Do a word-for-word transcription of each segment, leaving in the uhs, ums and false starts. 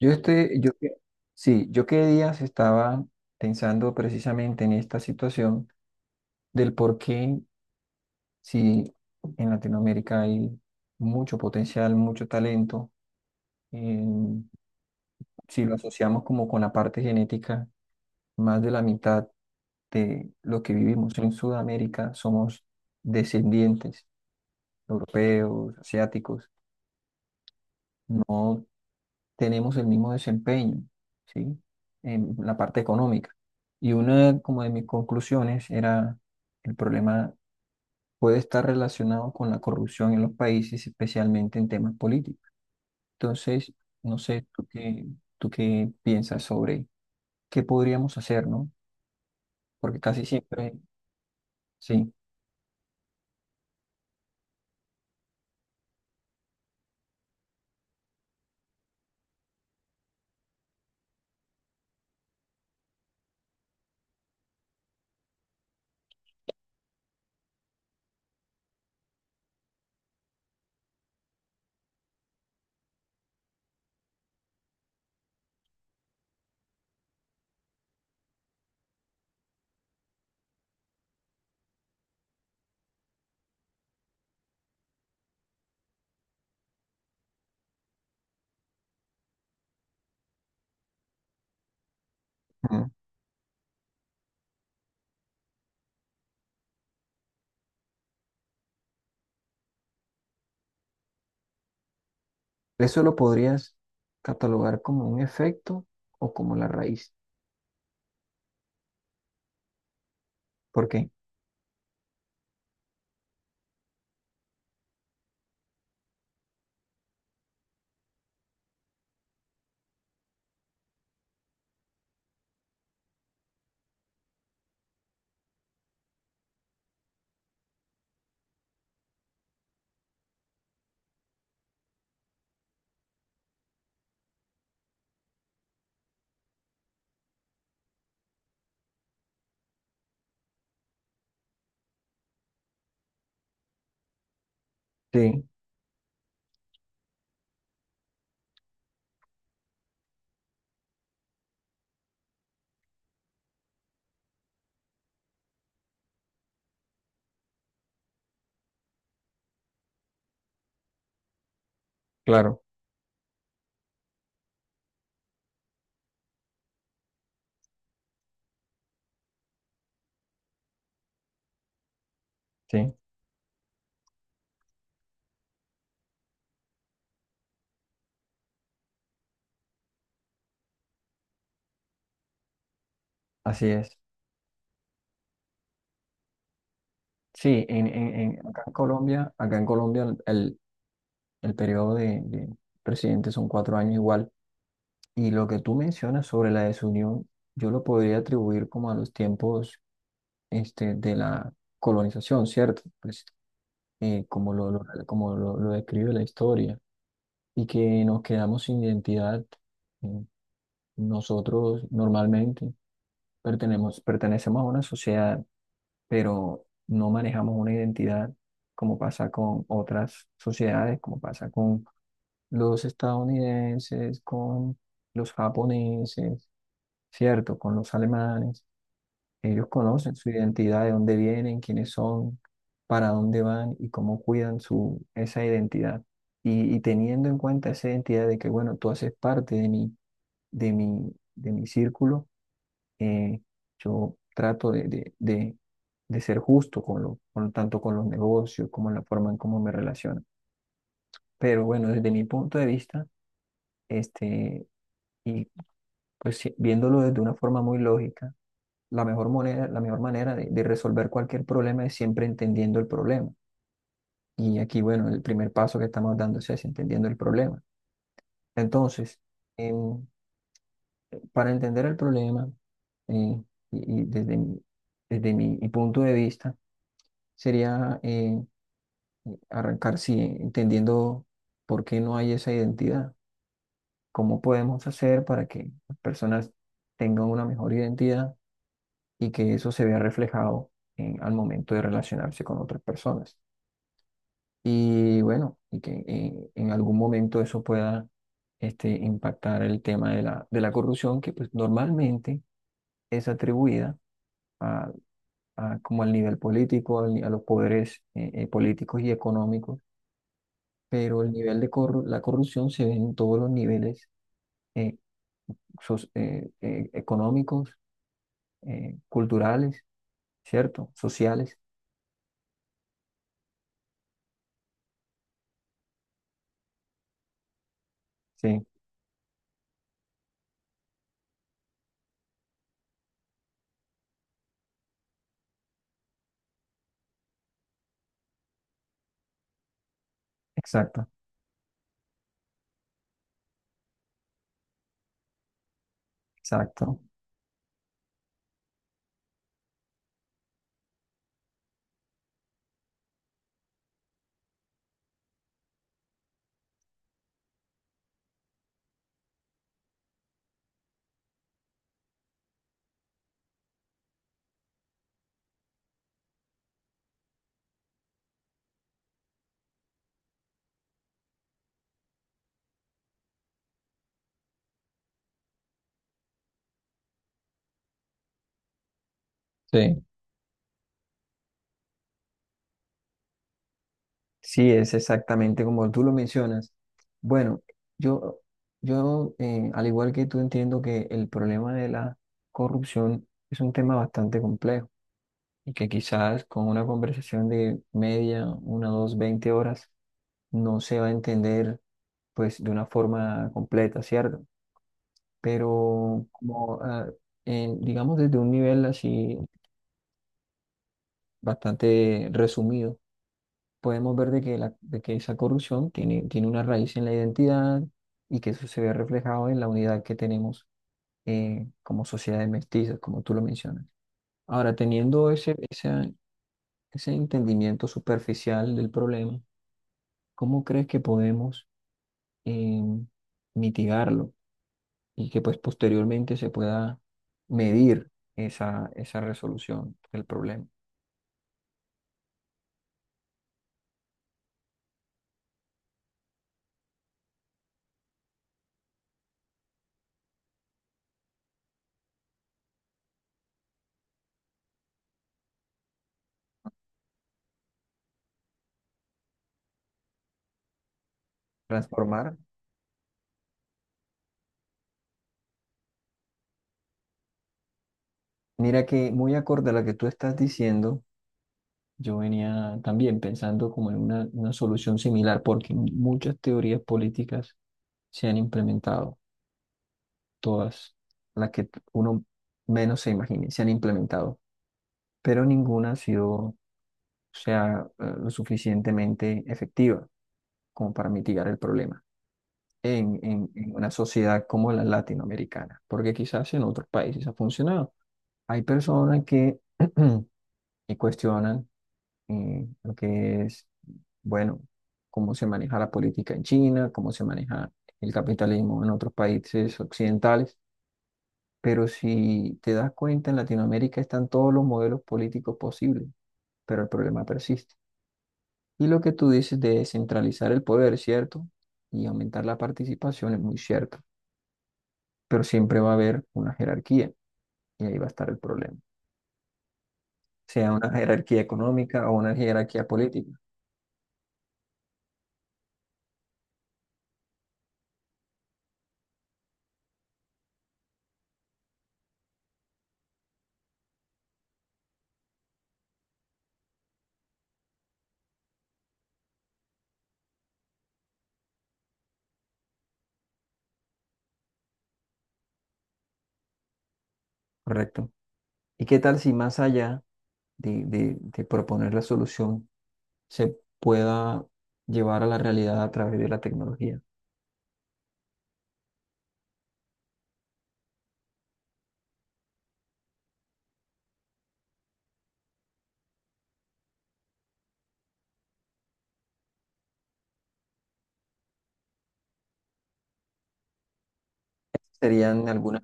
Yo estoy, yo, que- sí, yo qué días estaba pensando precisamente en esta situación del por qué si en Latinoamérica hay mucho potencial, mucho talento, em, si lo asociamos como con la parte genética, más de la mitad de lo que vivimos en Sudamérica somos descendientes europeos, asiáticos. No tenemos el mismo desempeño, ¿sí? En la parte económica. Y una como de mis conclusiones era el problema puede estar relacionado con la corrupción en los países, especialmente en temas políticos. Entonces, no sé, ¿tú qué, tú qué piensas sobre qué podríamos hacer, ¿no? Porque casi siempre, sí. Ujú. Eso lo podrías catalogar como un efecto o como la raíz. ¿Por qué? Sí, claro, sí, así es. Sí, en, en- en- acá en Colombia, acá en Colombia el, el- el periodo de, de presidente son cuatro años igual. Y lo que tú mencionas sobre la desunión, yo lo podría atribuir como a los tiempos este, de la colonización, ¿cierto? Pues, eh, como lo, lo- como lo, lo describe la historia. Y que nos quedamos sin identidad. eh, Nosotros normalmente pertenemos, pertenecemos a una sociedad pero no manejamos una identidad como pasa con otras sociedades, como pasa con los estadounidenses, con los japoneses, ¿cierto? Con los alemanes. Ellos conocen su identidad, de dónde vienen, quiénes son, para dónde van y cómo cuidan su, esa identidad. Y, y teniendo en cuenta esa identidad de que, bueno, tú haces parte de mi, de mi, de mi círculo, eh, yo trato de, de, de- de ser justo con lo, con, tanto con los negocios como la forma en cómo me relaciono. Pero bueno, desde mi punto de vista, este, y pues si- viéndolo desde una forma muy lógica, la mejor moneda, la mejor manera de, de resolver cualquier problema es siempre entendiendo el problema. Y aquí, bueno, el primer paso que estamos dando es ese, entendiendo el problema. Entonces, em, para entender el problema, eh, y, y desde mi- desde mi mi punto de vista, sería eh, arrancar, sí, entendiendo por qué no hay esa identidad, cómo podemos hacer para que las personas tengan una mejor identidad y que eso se vea reflejado en- al momento de relacionarse con otras personas. Y bueno, y que en, en algún momento eso pueda este, impactar el tema de la, de la corrupción, que pues normalmente es atribuida a, a como al nivel político, al ni- a los poderes eh, eh, políticos y económicos, pero el nivel de corru- la corrupción se ve en todos los niveles, eh, soc- eh, eh, económicos, eh, culturales, ¿cierto? Sociales. Sí, exacto, exacto. Sí, sí, es exactamente como tú lo mencionas. Bueno, yo, yo eh, al igual que tú entiendo que el problema de la corrupción es un tema bastante complejo y que quizás con una conversación de media, una, dos, veinte horas, no se va a entender pues de una forma completa, ¿cierto? Pero como ah, en- digamos desde un nivel así bastante resumido, podemos ver de que, la, de que esa corrupción tiene, tiene una raíz en la identidad y que eso se ve reflejado en la unidad que tenemos, eh, como sociedades mestizas, como tú lo mencionas. Ahora, teniendo ese, esa- ese entendimiento superficial del problema, ¿cómo crees que podemos em, mitigarlo? Y que pues posteriormente se pueda medir esa, esa resolución del problema. Transformar. Mira que muy acorde a lo que tú estás diciendo, yo venía también pensando como en una, una solución similar, porque muchas teorías políticas se han implementado, todas las que uno menos se imagine, se han implementado, pero ninguna ha sido, o sea, eh, lo suficientemente efectiva como para mitigar el problema. En, en- en una sociedad como la latinoamericana, porque quizás en otros países ha funcionado. Hay personas que y cuestionan eh, lo que es, bueno, cómo se maneja la política en China, cómo se maneja el capitalismo en otros países occidentales, pero si te das cuenta, en Latinoamérica están todos los modelos políticos posibles, pero el problema persiste. Y lo que tú dices de centralizar el poder, ¿cierto? Y aumentar la participación es muy cierto. Pero siempre va a haber una jerarquía y ahí va a estar el problema, sea una jerarquía económica o una jerarquía política, ¿correcto? ¿Y qué tal si más allá de, de- de proponer la solución se pueda llevar a la realidad a través de la tecnología? Serían algunas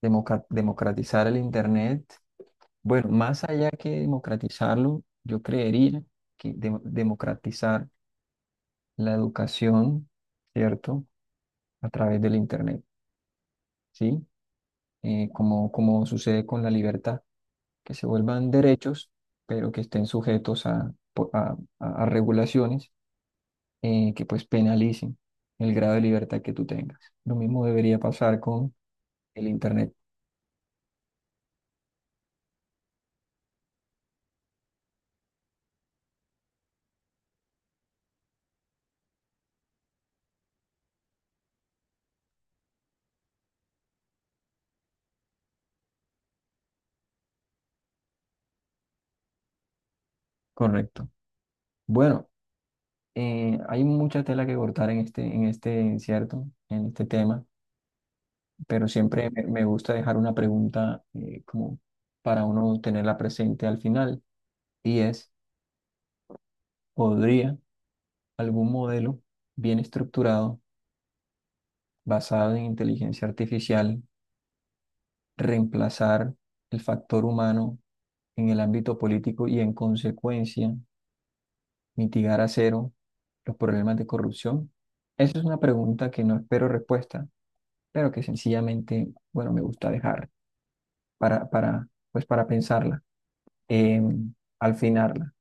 democa- democratizar el Internet. Bueno, más allá que democratizarlo, yo creería que de- democratizar la educación, ¿cierto? A través del Internet, ¿sí? Eh, como, como sucede con la libertad, que se vuelvan derechos, pero que estén sujetos a, po- a- a- a regulaciones, eh, que pues penalicen el grado de libertad que tú tengas. Lo mismo debería pasar con el Internet, correcto. Bueno, eh, hay mucha tela que cortar en este, en este, ¿cierto? En este tema, pero siempre me, me gusta dejar una pregunta, eh, como para uno tenerla presente al final, y es, ¿podría algún modelo bien estructurado basado en inteligencia artificial, reemplazar el factor humano en el ámbito político y en consecuencia mitigar a cero los problemas de corrupción? Esa es una pregunta que no espero respuesta, pero que sencillamente, bueno, me gusta dejar para, para, pues para pensarla, em, al finarla.